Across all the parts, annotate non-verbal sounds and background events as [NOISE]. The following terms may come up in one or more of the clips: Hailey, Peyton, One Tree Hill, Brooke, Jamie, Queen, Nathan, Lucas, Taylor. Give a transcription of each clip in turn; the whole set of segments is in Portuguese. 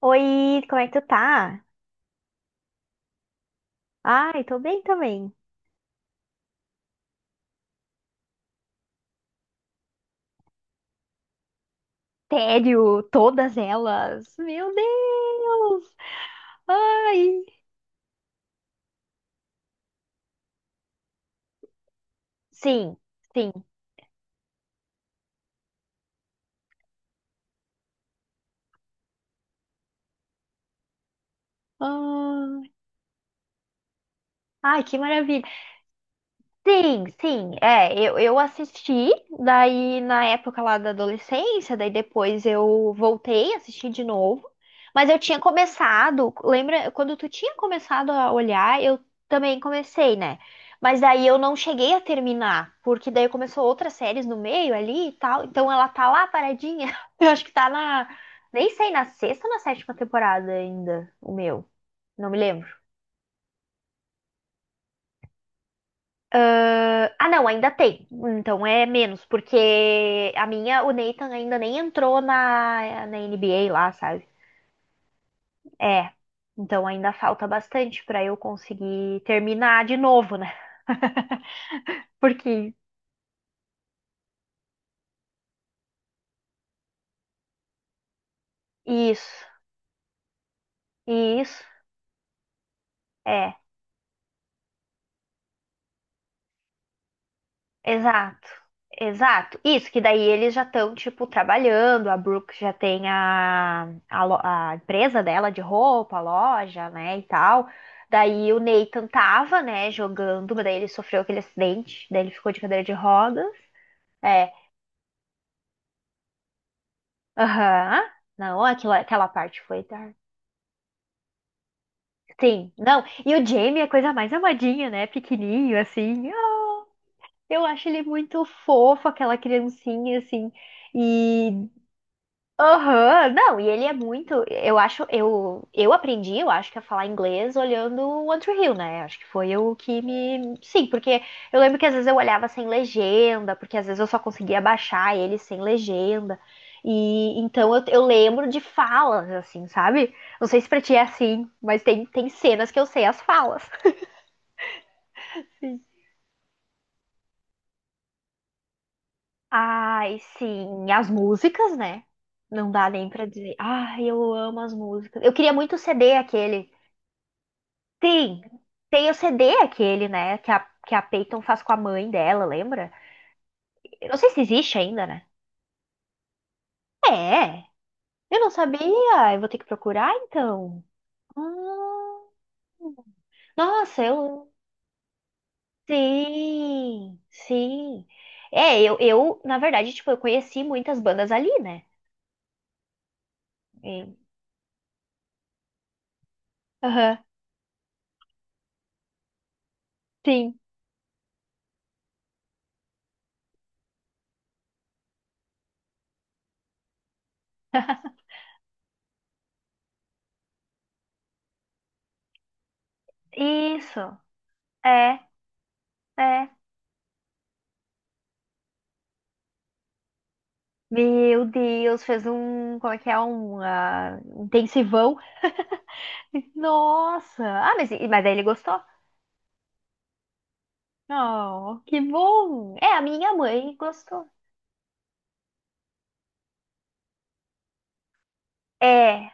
Oi, como é que tu tá? Ai, tô bem também. Tédio, todas elas. Meu Deus! Ai! Sim, sim. Ah, ai, que maravilha. Sim, sim, é, eu assisti, daí na época lá da adolescência, daí depois eu voltei, assisti de novo, mas eu tinha começado, lembra, quando tu tinha começado a olhar, eu também comecei, né? Mas daí eu não cheguei a terminar, porque daí começou outras séries no meio ali e tal, então ela tá lá paradinha, [LAUGHS] eu acho que tá na, nem sei, na sexta ou na sétima temporada ainda, o meu, não me lembro. Ah, não, ainda tem. Então é menos, porque a minha, o Nathan ainda nem entrou na NBA lá, sabe? É. Então ainda falta bastante pra eu conseguir terminar de novo, né? Porque isso, isso, é. Exato, exato. Isso, que daí eles já estão, tipo, trabalhando, a Brooke já tem a empresa dela de roupa, a loja, né, e tal. Daí o Nathan tava, né, jogando, mas daí ele sofreu aquele acidente, daí ele ficou de cadeira de rodas. É, aham. Não, aquilo, aquela parte foi dark. Sim, não. E o Jamie é a coisa mais amadinha, né, pequenininho, assim. Ah, eu acho ele muito fofo, aquela criancinha, assim. E aham, não, e ele é muito. Eu acho, eu aprendi, eu acho que a falar inglês olhando o One Tree Hill, né? Acho que foi o que me. Sim, porque eu lembro que às vezes eu olhava sem legenda, porque às vezes eu só conseguia baixar ele sem legenda. E então eu lembro de falas, assim, sabe? Não sei se pra ti é assim, mas tem, tem cenas que eu sei as falas. [LAUGHS] Ai, sim, as músicas, né? Não dá nem pra dizer. Ai, eu amo as músicas. Eu queria muito o CD aquele. Tem, tem o CD aquele, né? Que a Peyton faz com a mãe dela, lembra? Eu não sei se existe ainda, né? É, eu não sabia. Eu vou ter que procurar então. Hum, nossa, eu. Sim, sim. É, eu, na verdade, tipo, eu conheci muitas bandas ali, né? E- Aham, sim. Isso, é, é. Meu Deus, fez um, como é que é, um intensivão. Nossa! Ah, mas, mas aí ele gostou? Oh, que bom! É, a minha mãe gostou. É,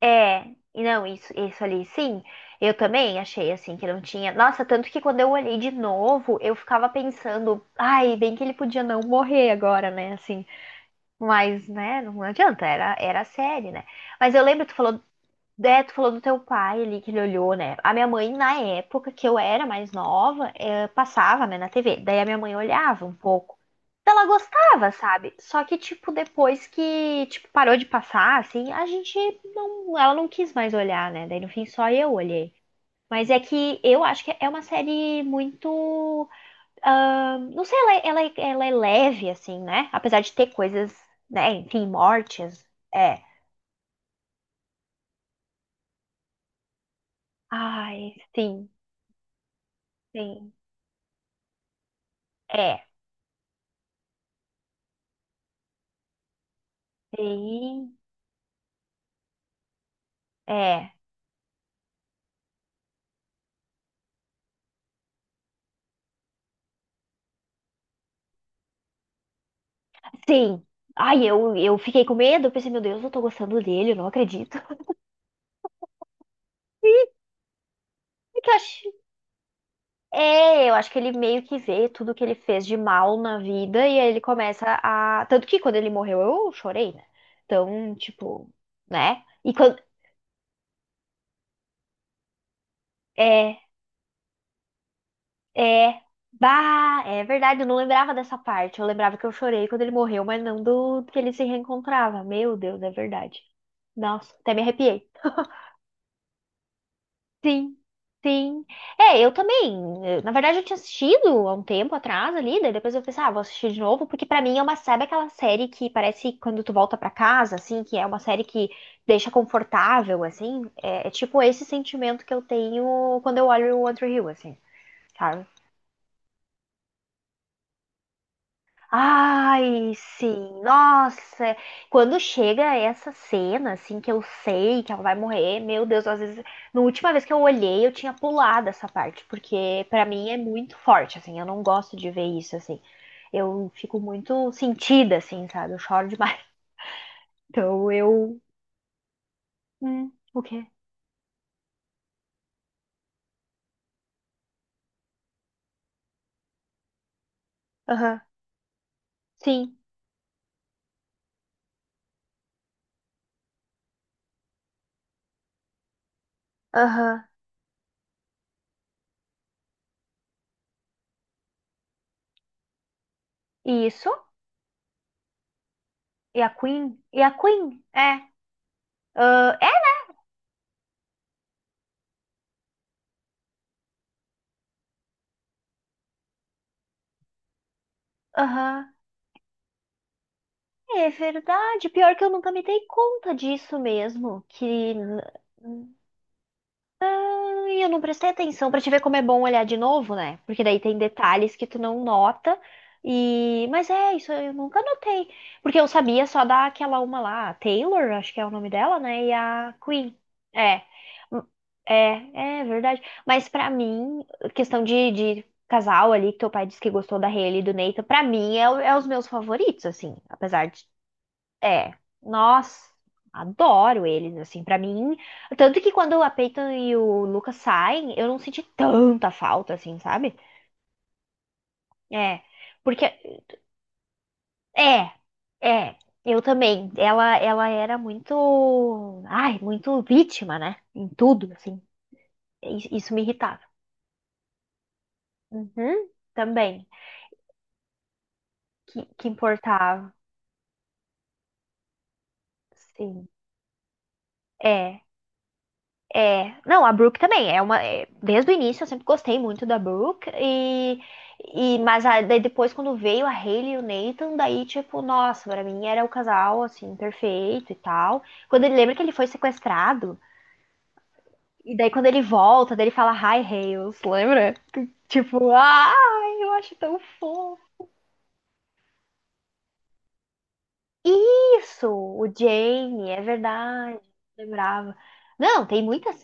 é. E não, isso ali, sim. Eu também achei assim que não tinha. Nossa, tanto que quando eu olhei de novo, eu ficava pensando, ai, bem que ele podia não morrer agora, né? Assim, mas, né, não adianta, era, era a série, né? Mas eu lembro, tu falou. É, tu falou do teu pai ali que ele olhou, né? A minha mãe, na época que eu era mais nova, passava, né, na TV. Daí a minha mãe olhava um pouco. Então, ela gostava, sabe? Só que, tipo, depois que, tipo, parou de passar, assim, a gente não. Ela não quis mais olhar, né? Daí no fim só eu olhei. Mas é que eu acho que é uma série muito. Ah, não sei, ela, ela, ela é leve, assim, né? Apesar de ter coisas, né? Enfim, mortes. É. Ai, sim, sim. É, sim, é, sim. Ai, eu fiquei com medo, eu pensei, meu Deus, eu tô gostando dele, eu não acredito. [LAUGHS] Porque eu acho, é, eu acho que ele meio que vê tudo que ele fez de mal na vida e aí ele começa a. Tanto que quando ele morreu eu chorei, né? Então, tipo, né? E quando. É, é. Bah, é verdade, eu não lembrava dessa parte. Eu lembrava que eu chorei quando ele morreu, mas não do que ele se reencontrava. Meu Deus, é verdade. Nossa, até me arrepiei. Sim, sim. É, eu também. Na verdade, eu tinha assistido há um tempo atrás ali, daí depois eu pensei, ah, vou assistir de novo, porque pra mim é uma, sabe aquela série que parece quando tu volta pra casa, assim, que é uma série que deixa confortável, assim? É, é tipo esse sentimento que eu tenho quando eu olho o One Tree Hill, assim, sabe? Ai, sim, nossa, quando chega essa cena, assim, que eu sei que ela vai morrer, meu Deus, às vezes, na última vez que eu olhei, eu tinha pulado essa parte, porque pra mim é muito forte, assim, eu não gosto de ver isso, assim, eu fico muito sentida, assim, sabe, eu choro demais, [LAUGHS] então eu, o quê? Aham, sim, aham, isso, e a Queen, é, ah, é, aham. É verdade. Pior que eu nunca me dei conta disso mesmo. Que. Ai, eu não prestei atenção pra te ver como é bom olhar de novo, né? Porque daí tem detalhes que tu não nota. E. Mas é, isso eu nunca notei. Porque eu sabia só daquela uma lá, a Taylor, acho que é o nome dela, né? E a Queen. É. É, é verdade. Mas pra mim, questão de casal ali, que teu pai disse que gostou da Hailey e do Nathan, pra mim é, é os meus favoritos, assim. Apesar de é, nossa, adoro eles, assim, pra mim. Tanto que quando a Peyton e o Lucas saem, eu não senti tanta falta, assim, sabe? É, porque, é, é, eu também. Ela era muito, ai, muito vítima, né? Em tudo, assim. Isso me irritava. Uhum, também, que importava, sim. É. É, não, a Brooke também é uma, é, desde o início eu sempre gostei muito da Brooke e mas daí depois quando veio a Hailey e o Nathan, daí tipo, nossa, pra mim era o casal assim perfeito e tal. Quando ele lembra que ele foi sequestrado e daí quando ele volta, daí ele fala Hi Hales, lembra? Tipo, ai, eu acho tão fofo. Isso, o Jamie, é verdade, lembrava. Não, tem muitas.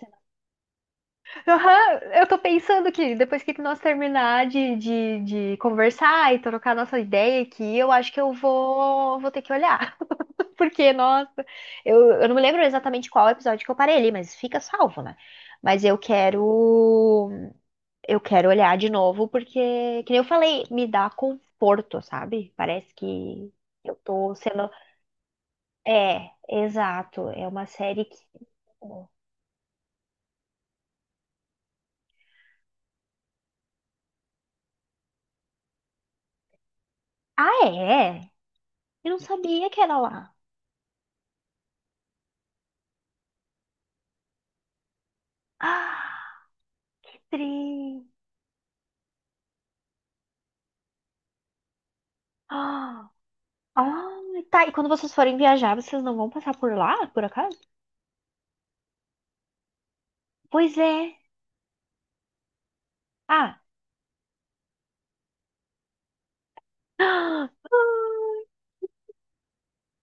Aham, eu tô pensando que depois que nós terminar de conversar e trocar nossa ideia aqui, eu acho que vou ter que olhar. [LAUGHS] Porque, nossa, eu não me lembro exatamente qual episódio que eu parei ali, mas fica salvo, né? Mas eu quero olhar de novo, porque, que nem eu falei, me dá conforto, sabe? Parece que eu tô sendo. É, exato. É uma série que. Ah, é? Eu não sabia que era lá. Ah! Tri. Ah, ah, tá. E quando vocês forem viajar, vocês não vão passar por lá, por acaso? Pois é. Ah. [GASPS] Ah,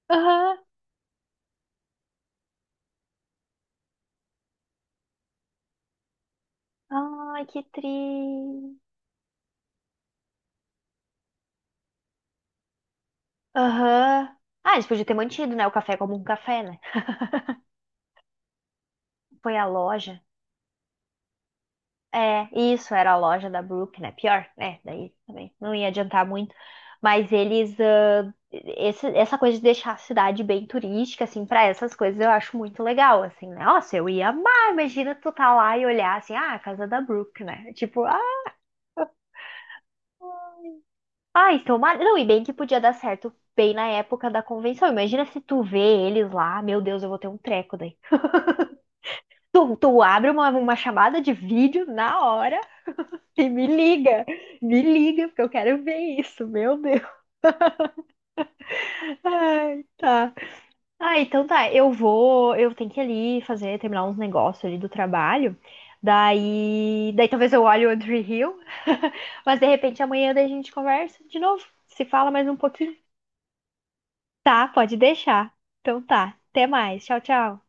aham. Ai, que tri. Aham. Ah, eles podiam ter mantido, né, o café como um café, né? Foi a loja. É, isso era a loja da Brooke, né? Pior, né? Daí também não ia adiantar muito. Mas eles, ah, essa coisa de deixar a cidade bem turística, assim, para essas coisas eu acho muito legal, assim, né? Nossa, eu ia amar. Imagina tu tá lá e olhar assim, ah, a casa da Brooke, né? Tipo, ah, ai, tomara. Não, e bem que podia dar certo bem na época da convenção. Imagina se tu vê eles lá, meu Deus, eu vou ter um treco daí. Tu, tu abre uma chamada de vídeo na hora. E me liga, porque eu quero ver isso, meu Deus. Ai, tá. Ah, então tá, eu vou, eu tenho que ir ali fazer, terminar uns negócios ali do trabalho. Daí, daí talvez eu olhe o Andrew Hill, [LAUGHS] mas de repente amanhã daí a gente conversa de novo, se fala mais um pouquinho. Tá, pode deixar. Então tá, até mais. Tchau, tchau.